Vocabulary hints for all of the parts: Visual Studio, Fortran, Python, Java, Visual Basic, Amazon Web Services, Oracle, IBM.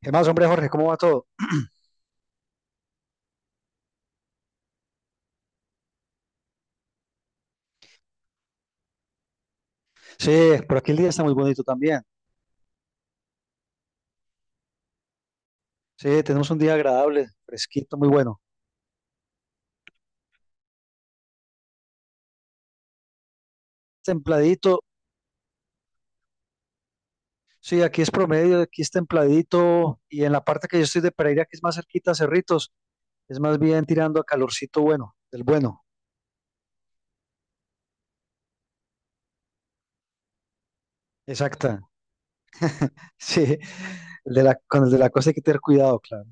¿Qué más, hombre, Jorge? ¿Cómo va todo? Sí, por aquí el día está muy bonito también. Sí, tenemos un día agradable, fresquito, muy bueno. Templadito, sí, aquí es promedio, aquí es templadito. Y en la parte que yo estoy de Pereira, que es más cerquita a Cerritos, es más bien tirando a calorcito bueno, del bueno. Exacta. Sí, el de la, con el de la cosa hay que tener cuidado, claro.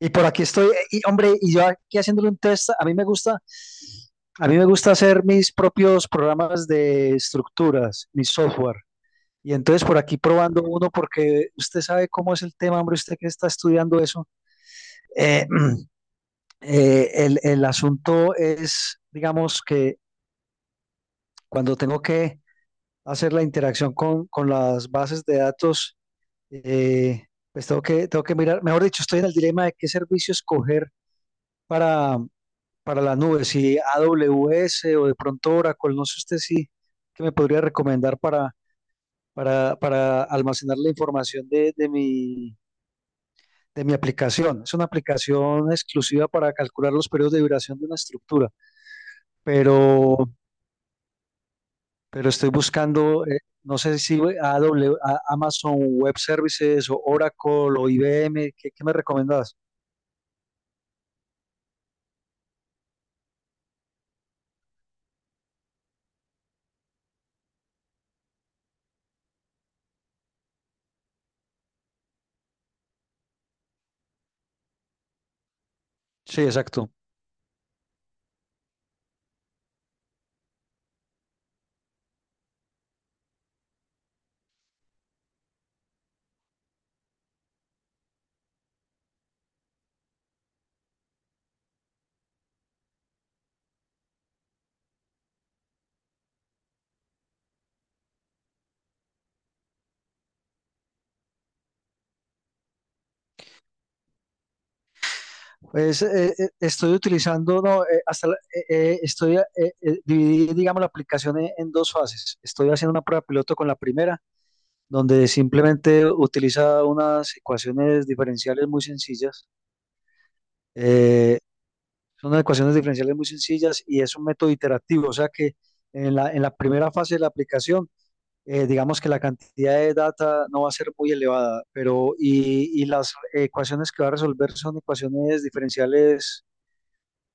Y por aquí estoy, y, hombre, y yo aquí haciéndole un test, a mí me gusta, a mí me gusta hacer mis propios programas de estructuras, mi software. Y entonces por aquí probando uno, porque usted sabe cómo es el tema, hombre, usted que está estudiando eso. Eh, el asunto es, digamos, que cuando tengo que hacer la interacción con las bases de datos, eh, pues tengo tengo que mirar, mejor dicho, estoy en el dilema de qué servicio escoger para, para la nube, si AWS o de pronto Oracle, no sé usted si qué me podría recomendar para almacenar la información de mi aplicación. Es una aplicación exclusiva para calcular los periodos de duración de una estructura, pero, pero estoy buscando, no sé si Amazon Web Services o Oracle o IBM, ¿qué, qué me recomendás? Sí, exacto. Pues, estoy utilizando, no, estoy, dividí, digamos, la aplicación en dos fases. Estoy haciendo una prueba piloto con la primera, donde simplemente utiliza unas ecuaciones diferenciales muy sencillas. eh, Son ecuaciones diferenciales muy sencillas y es un método iterativo, o sea que en la primera fase de la aplicación, digamos que la cantidad de data no va a ser muy elevada, pero y las ecuaciones que va a resolver son ecuaciones diferenciales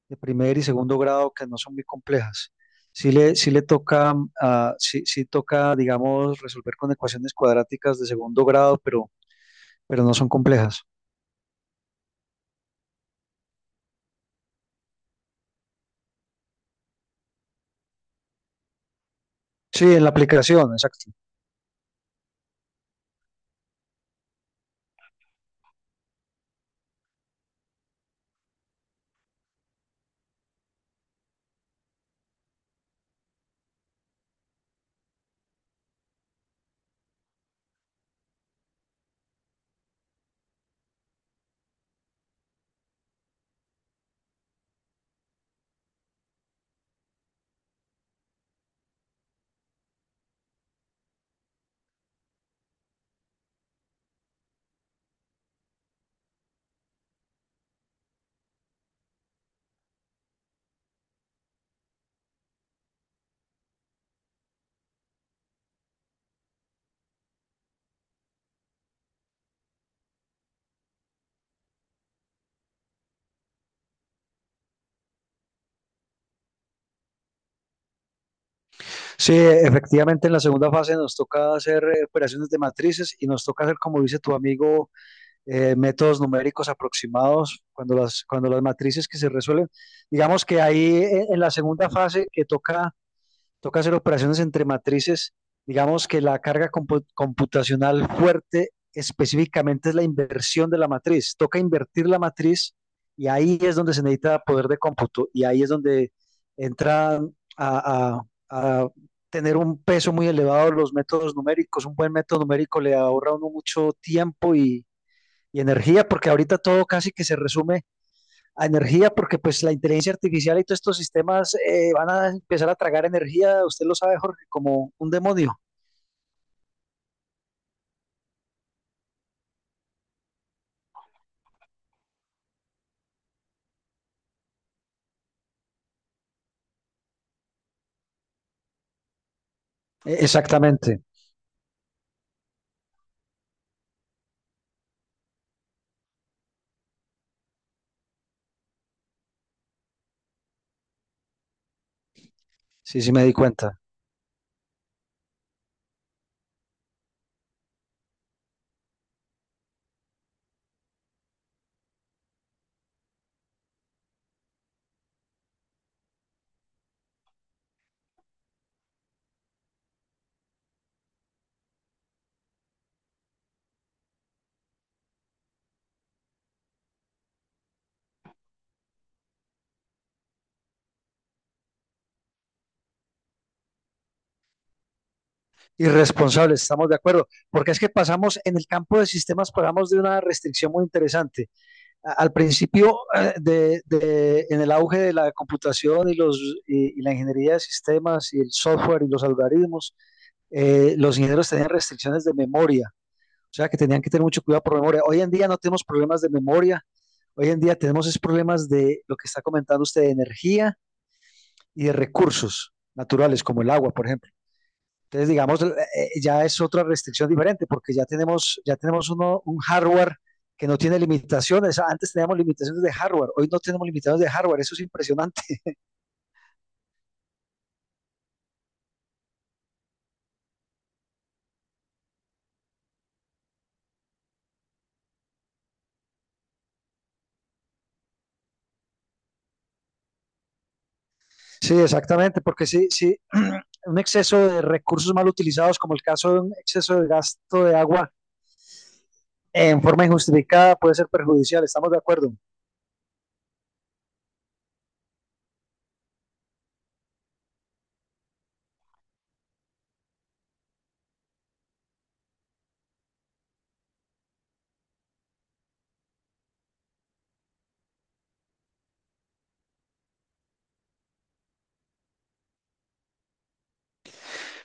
de primer y segundo grado que no son muy complejas. Sí le toca, ah, sí, sí toca, digamos, resolver con ecuaciones cuadráticas de segundo grado, pero no son complejas. Sí, en la aplicación, exacto. Sí, efectivamente en la segunda fase nos toca hacer operaciones de matrices y nos toca hacer, como dice tu amigo, métodos numéricos aproximados cuando las matrices que se resuelven. Digamos que ahí en la segunda fase que toca toca hacer operaciones entre matrices. Digamos que la carga computacional fuerte específicamente es la inversión de la matriz. Toca invertir la matriz y ahí es donde se necesita poder de cómputo y ahí es donde entran a tener un peso muy elevado los métodos numéricos. Un buen método numérico le ahorra a uno mucho tiempo y energía porque ahorita todo casi que se resume a energía, porque pues la inteligencia artificial y todos estos sistemas van a empezar a tragar energía, usted lo sabe, Jorge, como un demonio. Exactamente, sí, sí me di cuenta. Irresponsables, estamos de acuerdo, porque es que pasamos en el campo de sistemas, pasamos de una restricción muy interesante. Al principio, en el auge de la computación y y la ingeniería de sistemas y el software y los algoritmos, los ingenieros tenían restricciones de memoria. O sea que tenían que tener mucho cuidado por memoria. Hoy en día no tenemos problemas de memoria. Hoy en día tenemos es problemas de lo que está comentando usted, de energía y de recursos naturales, como el agua, por ejemplo. Entonces, digamos, ya es otra restricción diferente, porque ya tenemos uno, un hardware que no tiene limitaciones. Antes teníamos limitaciones de hardware, hoy no tenemos limitaciones de hardware, eso es impresionante. Sí, exactamente, porque sí, sí, un exceso de recursos mal utilizados, como el caso de un exceso de gasto de agua en forma injustificada puede ser perjudicial, estamos de acuerdo.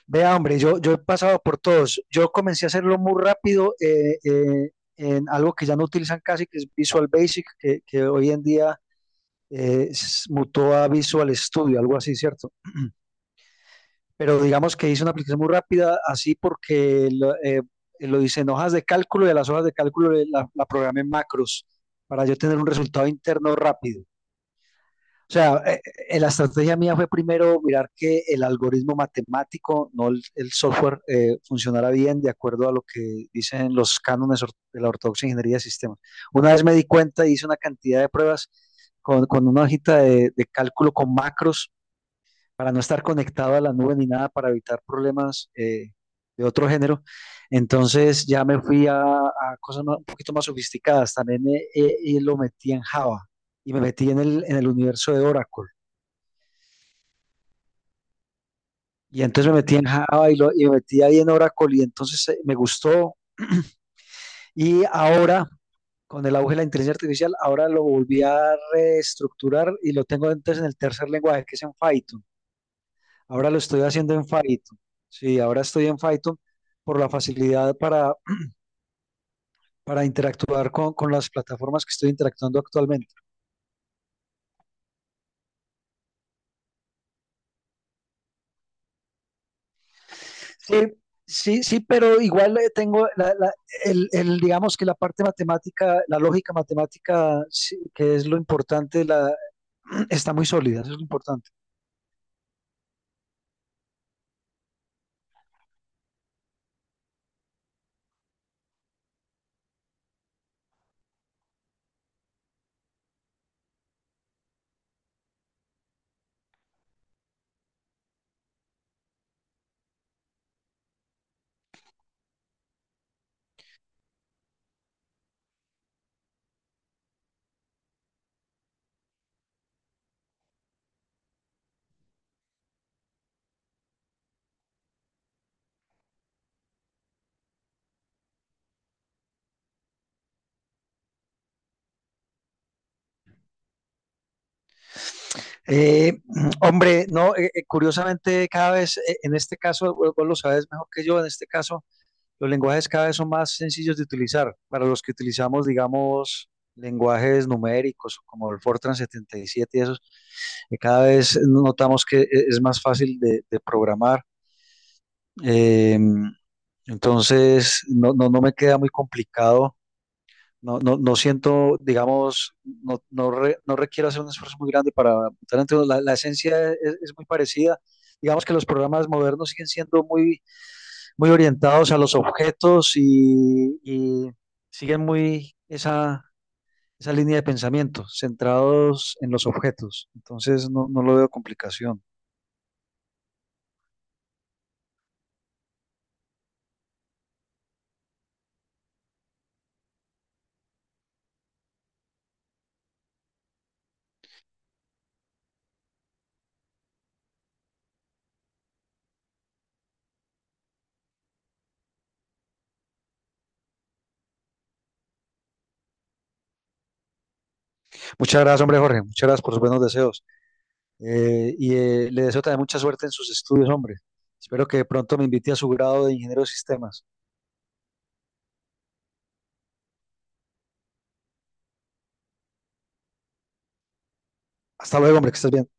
Vea, hombre, yo he pasado por todos. Yo comencé a hacerlo muy rápido en algo que ya no utilizan casi, que es Visual Basic, que hoy en día mutó a Visual Studio, algo así, ¿cierto? Pero digamos que hice una aplicación muy rápida, así porque lo hice en hojas de cálculo y a las hojas de cálculo la programé en macros para yo tener un resultado interno rápido. O sea, la estrategia mía fue primero mirar que el algoritmo matemático, no el software, funcionara bien de acuerdo a lo que dicen los cánones de la ortodoxa ingeniería de sistemas. Una vez me di cuenta, y hice una cantidad de pruebas con una hojita de cálculo con macros para no estar conectado a la nube ni nada, para evitar problemas de otro género. Entonces ya me fui a cosas un poquito más sofisticadas. También y lo metí en Java y me metí en el universo de Oracle. Y entonces me metí en Java y me metí ahí en Oracle y entonces me gustó. Y ahora, con el auge de la inteligencia artificial, ahora lo volví a reestructurar y lo tengo entonces en el tercer lenguaje, que es en Python. Ahora lo estoy haciendo en Python. Sí, ahora estoy en Python por la facilidad para interactuar con las plataformas que estoy interactuando actualmente. Sí, sí, sí, pero igual tengo digamos que la parte matemática, la lógica matemática, sí, que es lo importante, la, está muy sólida, eso es lo importante. Eh, hombre, no, curiosamente cada vez, en este caso, vos, vos lo sabes mejor que yo, en este caso, los lenguajes cada vez son más sencillos de utilizar para los que utilizamos, digamos, lenguajes numéricos como el Fortran 77 y esos, que cada vez notamos que es más fácil de programar. Eh, entonces, no, no, no me queda muy complicado. No, no, no siento, digamos, no, no, no requiero hacer un esfuerzo muy grande para votar. Entonces, la esencia es muy parecida. Digamos que los programas modernos siguen siendo muy, muy orientados a los objetos y siguen muy esa, esa línea de pensamiento, centrados en los objetos. Entonces, no, no lo veo complicación. Muchas gracias, hombre, Jorge. Muchas gracias por sus buenos deseos. Le deseo también mucha suerte en sus estudios, hombre. Espero que pronto me invite a su grado de ingeniero de sistemas. Hasta luego, hombre, que estés bien.